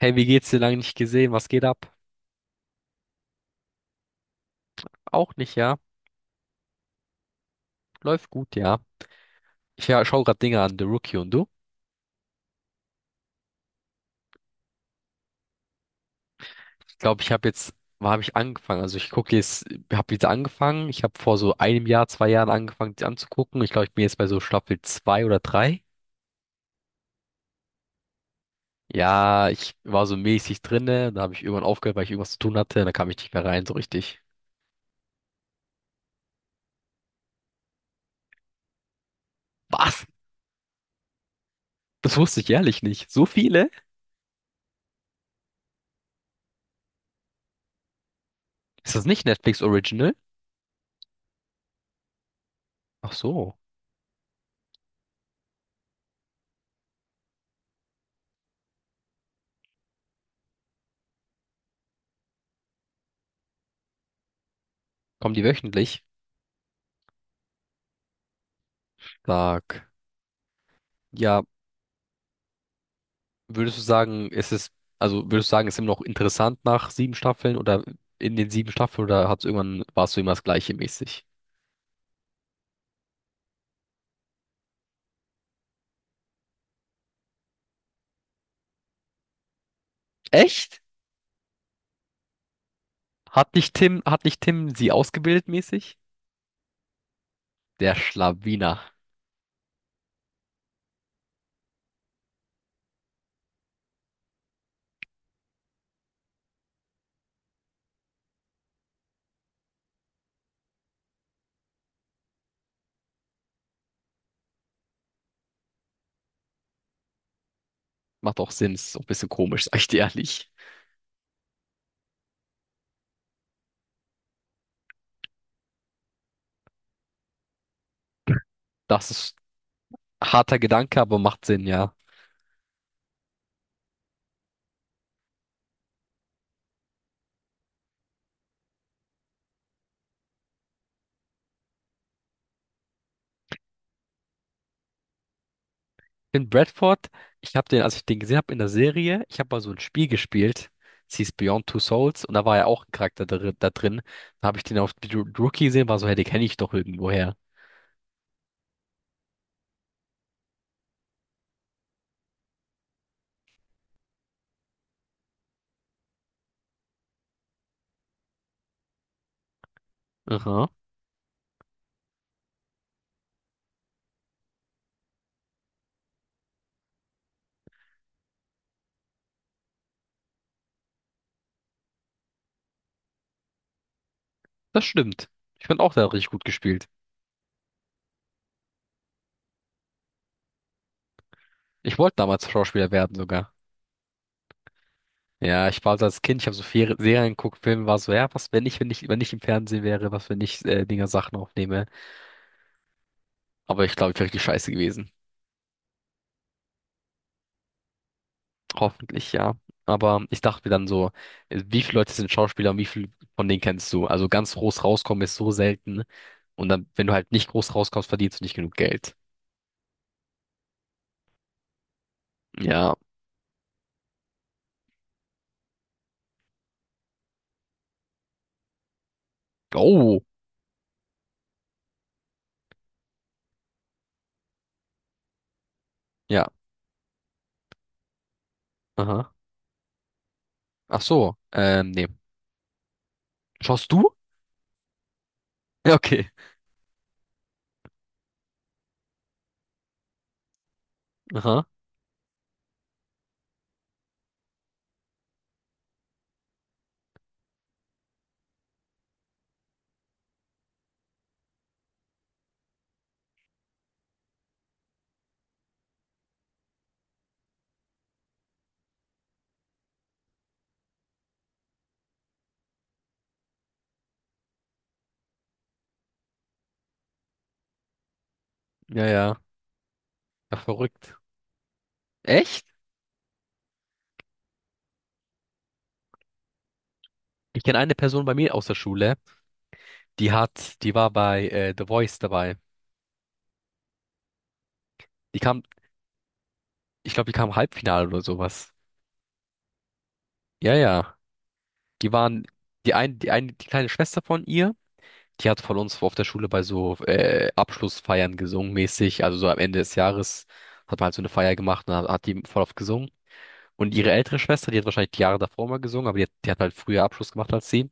Hey, wie geht's dir lange nicht gesehen? Was geht ab? Auch nicht, ja. Läuft gut, ja. Ich ja, schaue gerade Dinge an, The Rookie und du? Ich glaube, ich habe jetzt, wann habe ich angefangen? Also ich gucke jetzt, habe jetzt angefangen. Ich habe vor so einem Jahr, 2 Jahren angefangen, die anzugucken. Ich glaube, ich bin jetzt bei so Staffel zwei oder drei. Ja, ich war so mäßig drinne. Da habe ich irgendwann aufgehört, weil ich irgendwas zu tun hatte. Da kam ich nicht mehr rein, so richtig. Was? Das wusste ich ehrlich nicht. So viele? Ist das nicht Netflix Original? Ach so. Kommen die wöchentlich? Sag. Ja, würdest du sagen, ist es, also würdest du sagen, ist immer noch interessant nach sieben Staffeln oder in den sieben Staffeln oder hat's irgendwann, warst du immer das gleiche mäßig? Echt? Hat nicht Tim sie ausgebildet mäßig? Der Schlawiner. Macht auch Sinn, ist auch ein bisschen komisch, sag ich dir ehrlich. Das ist harter Gedanke, aber macht Sinn, ja. In Bradford, ich habe den, als ich den gesehen habe in der Serie, ich habe mal so ein Spiel gespielt, es hieß Beyond Two Souls und da war ja auch ein Charakter da, da drin. Da habe ich den auf die Rookie gesehen, war so, hey, den kenne ich doch irgendwoher. Aha, das stimmt. Ich fand auch, der hat richtig gut gespielt. Ich wollte damals Schauspieler werden sogar. Ja, ich war also als Kind, ich habe so viele Serien geguckt, Filme, war so, ja, was, wenn ich im Fernsehen wäre, was, wenn ich Dinger Sachen aufnehme. Aber ich glaube, ich wäre richtig scheiße gewesen. Hoffentlich, ja. Aber ich dachte mir dann so, wie viele Leute sind Schauspieler und wie viele von denen kennst du? Also ganz groß rauskommen ist so selten. Und dann, wenn du halt nicht groß rauskommst, verdienst du nicht genug Geld. Ja. Oh. Ja. Aha. Ach so. Nee. Schaust du? Ja, okay. Aha. Ja, ja. Ja, verrückt. Echt? Ich kenne eine Person bei mir aus der Schule, die hat, die war bei The Voice dabei. Die kam, ich glaube, die kam Halbfinale oder sowas. Ja, ja. Die waren, die ein, die eine, die kleine Schwester von ihr, die hat von uns auf der Schule bei so Abschlussfeiern gesungen mäßig. Also so am Ende des Jahres hat man halt so eine Feier gemacht und hat die voll oft gesungen. Und ihre ältere Schwester, die hat wahrscheinlich die Jahre davor mal gesungen, aber die hat halt früher Abschluss gemacht als sie.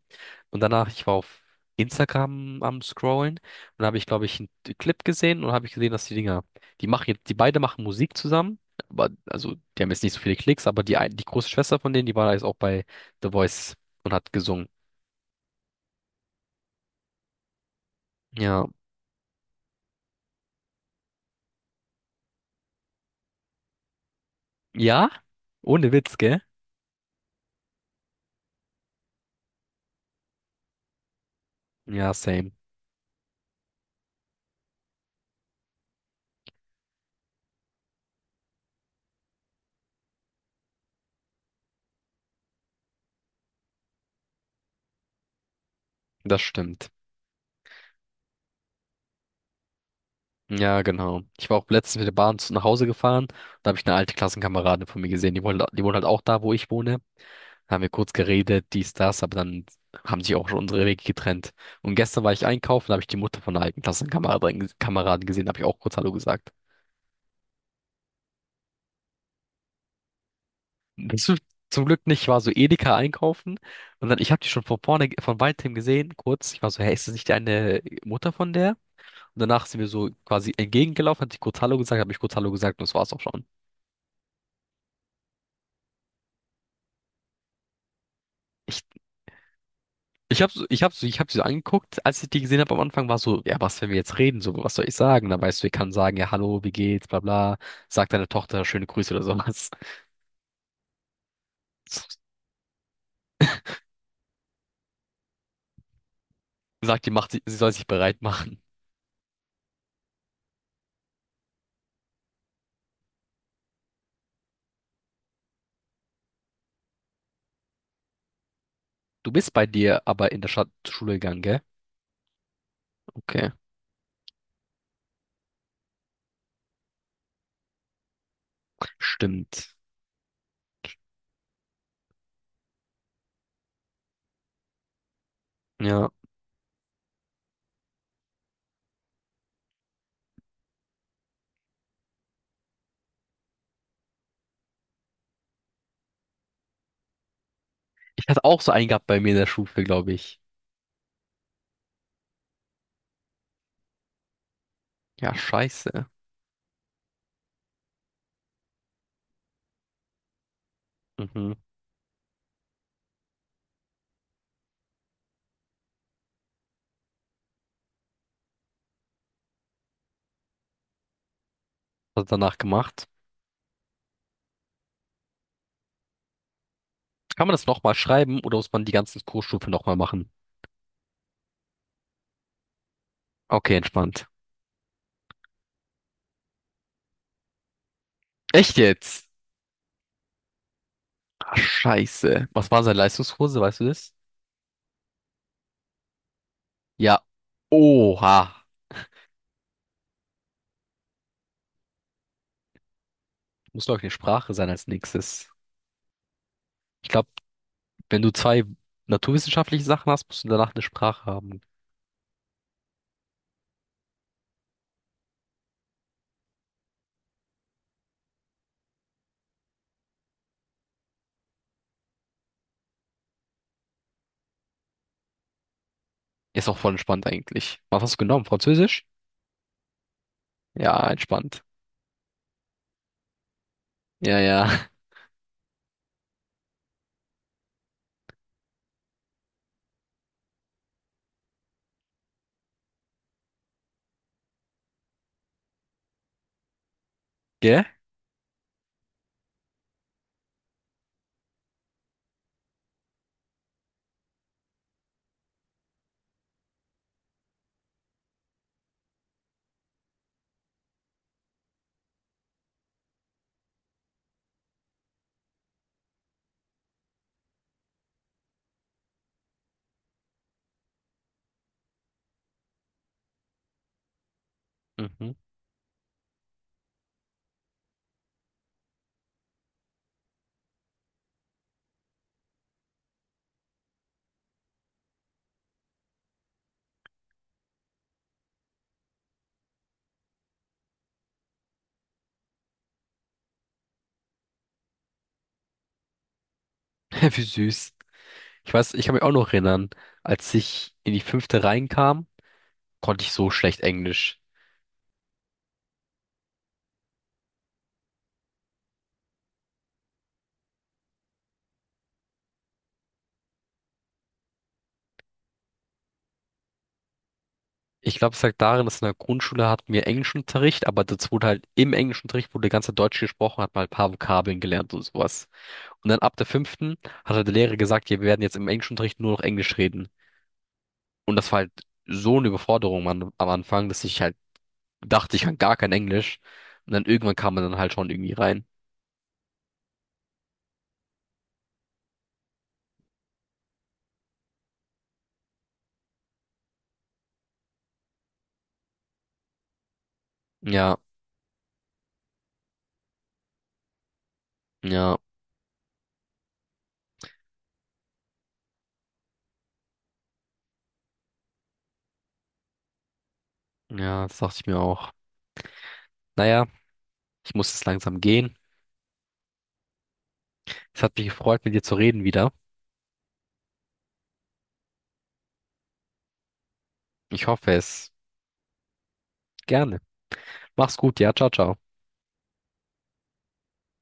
Und danach, ich war auf Instagram am Scrollen und da habe ich, glaube ich, einen Clip gesehen und habe ich gesehen, dass die Dinger, die machen jetzt, die beide machen Musik zusammen, aber also die haben jetzt nicht so viele Klicks, aber die große Schwester von denen, die war jetzt auch bei The Voice und hat gesungen. Ja. Ja? Ohne Witz, gell? Ja, same. Das stimmt. Ja, genau. Ich war auch letztens mit der Bahn nach Hause gefahren. Da habe ich eine alte Klassenkameradin von mir gesehen. Die wohnt halt auch da, wo ich wohne. Haben wir kurz geredet, dies, das, aber dann haben sich auch schon unsere Wege getrennt. Und gestern war ich einkaufen, da habe ich die Mutter von einer alten Klassenkameradin Kameradin gesehen, da habe ich auch kurz Hallo gesagt. Das ist zum Glück nicht, ich war so Edeka einkaufen und dann, ich habe die schon von vorne, von weitem gesehen, kurz. Ich war so, hey, ist das nicht deine Mutter von der? Und danach sind wir so quasi entgegengelaufen, hat sie kurz Hallo gesagt, habe ich kurz Hallo gesagt und das war's auch schon. Ich ich hab, so, ich hab sie so angeguckt, als ich die gesehen habe am Anfang, war so, ja, was, wenn wir jetzt reden, so, was soll ich sagen? Dann weißt du, ich kann sagen, ja, hallo, wie geht's, bla bla, sag deiner Tochter schöne Grüße oder sowas. Sagt, die macht, sie soll sich bereit machen. Du bist bei dir aber in der Stadt zur Schule gegangen, gell? Okay, stimmt. Ja. Ich hatte auch so einen gehabt bei mir in der Schule, glaube ich. Ja, scheiße. Mhm. Was hat er danach gemacht? Kann man das nochmal schreiben oder muss man die ganzen Kursstufe nochmal machen? Okay, entspannt. Echt jetzt? Ah, Scheiße. Was war seine Leistungskurse, weißt du das? Ja. Oha. Muss, glaube ich, eine Sprache sein als nächstes. Ich glaube, wenn du zwei naturwissenschaftliche Sachen hast, musst du danach eine Sprache haben. Ist auch voll entspannt eigentlich. Was hast du genommen? Französisch? Ja, entspannt. Ja, ja. Gell? Mhm. Wie süß. Ich weiß, ich kann mich auch noch erinnern, als ich in die fünfte reinkam, konnte ich so schlecht Englisch. Ich glaube, es lag darin, dass in der Grundschule hatten wir Englischunterricht, aber das wurde halt im Englischunterricht wurde ganz Deutsch gesprochen, hat mal ein paar Vokabeln gelernt und sowas. Und dann ab der fünften hat halt der Lehrer gesagt, ja, wir werden jetzt im Englischunterricht nur noch Englisch reden. Und das war halt so eine Überforderung am Anfang, dass ich halt dachte, ich kann gar kein Englisch. Und dann irgendwann kam man dann halt schon irgendwie rein. Ja, ja, ja, das dachte ich mir auch. Naja, ich muss jetzt langsam gehen. Es hat mich gefreut, mit dir zu reden wieder. Ich hoffe es. Gerne. Mach's gut, ja, ciao, ciao.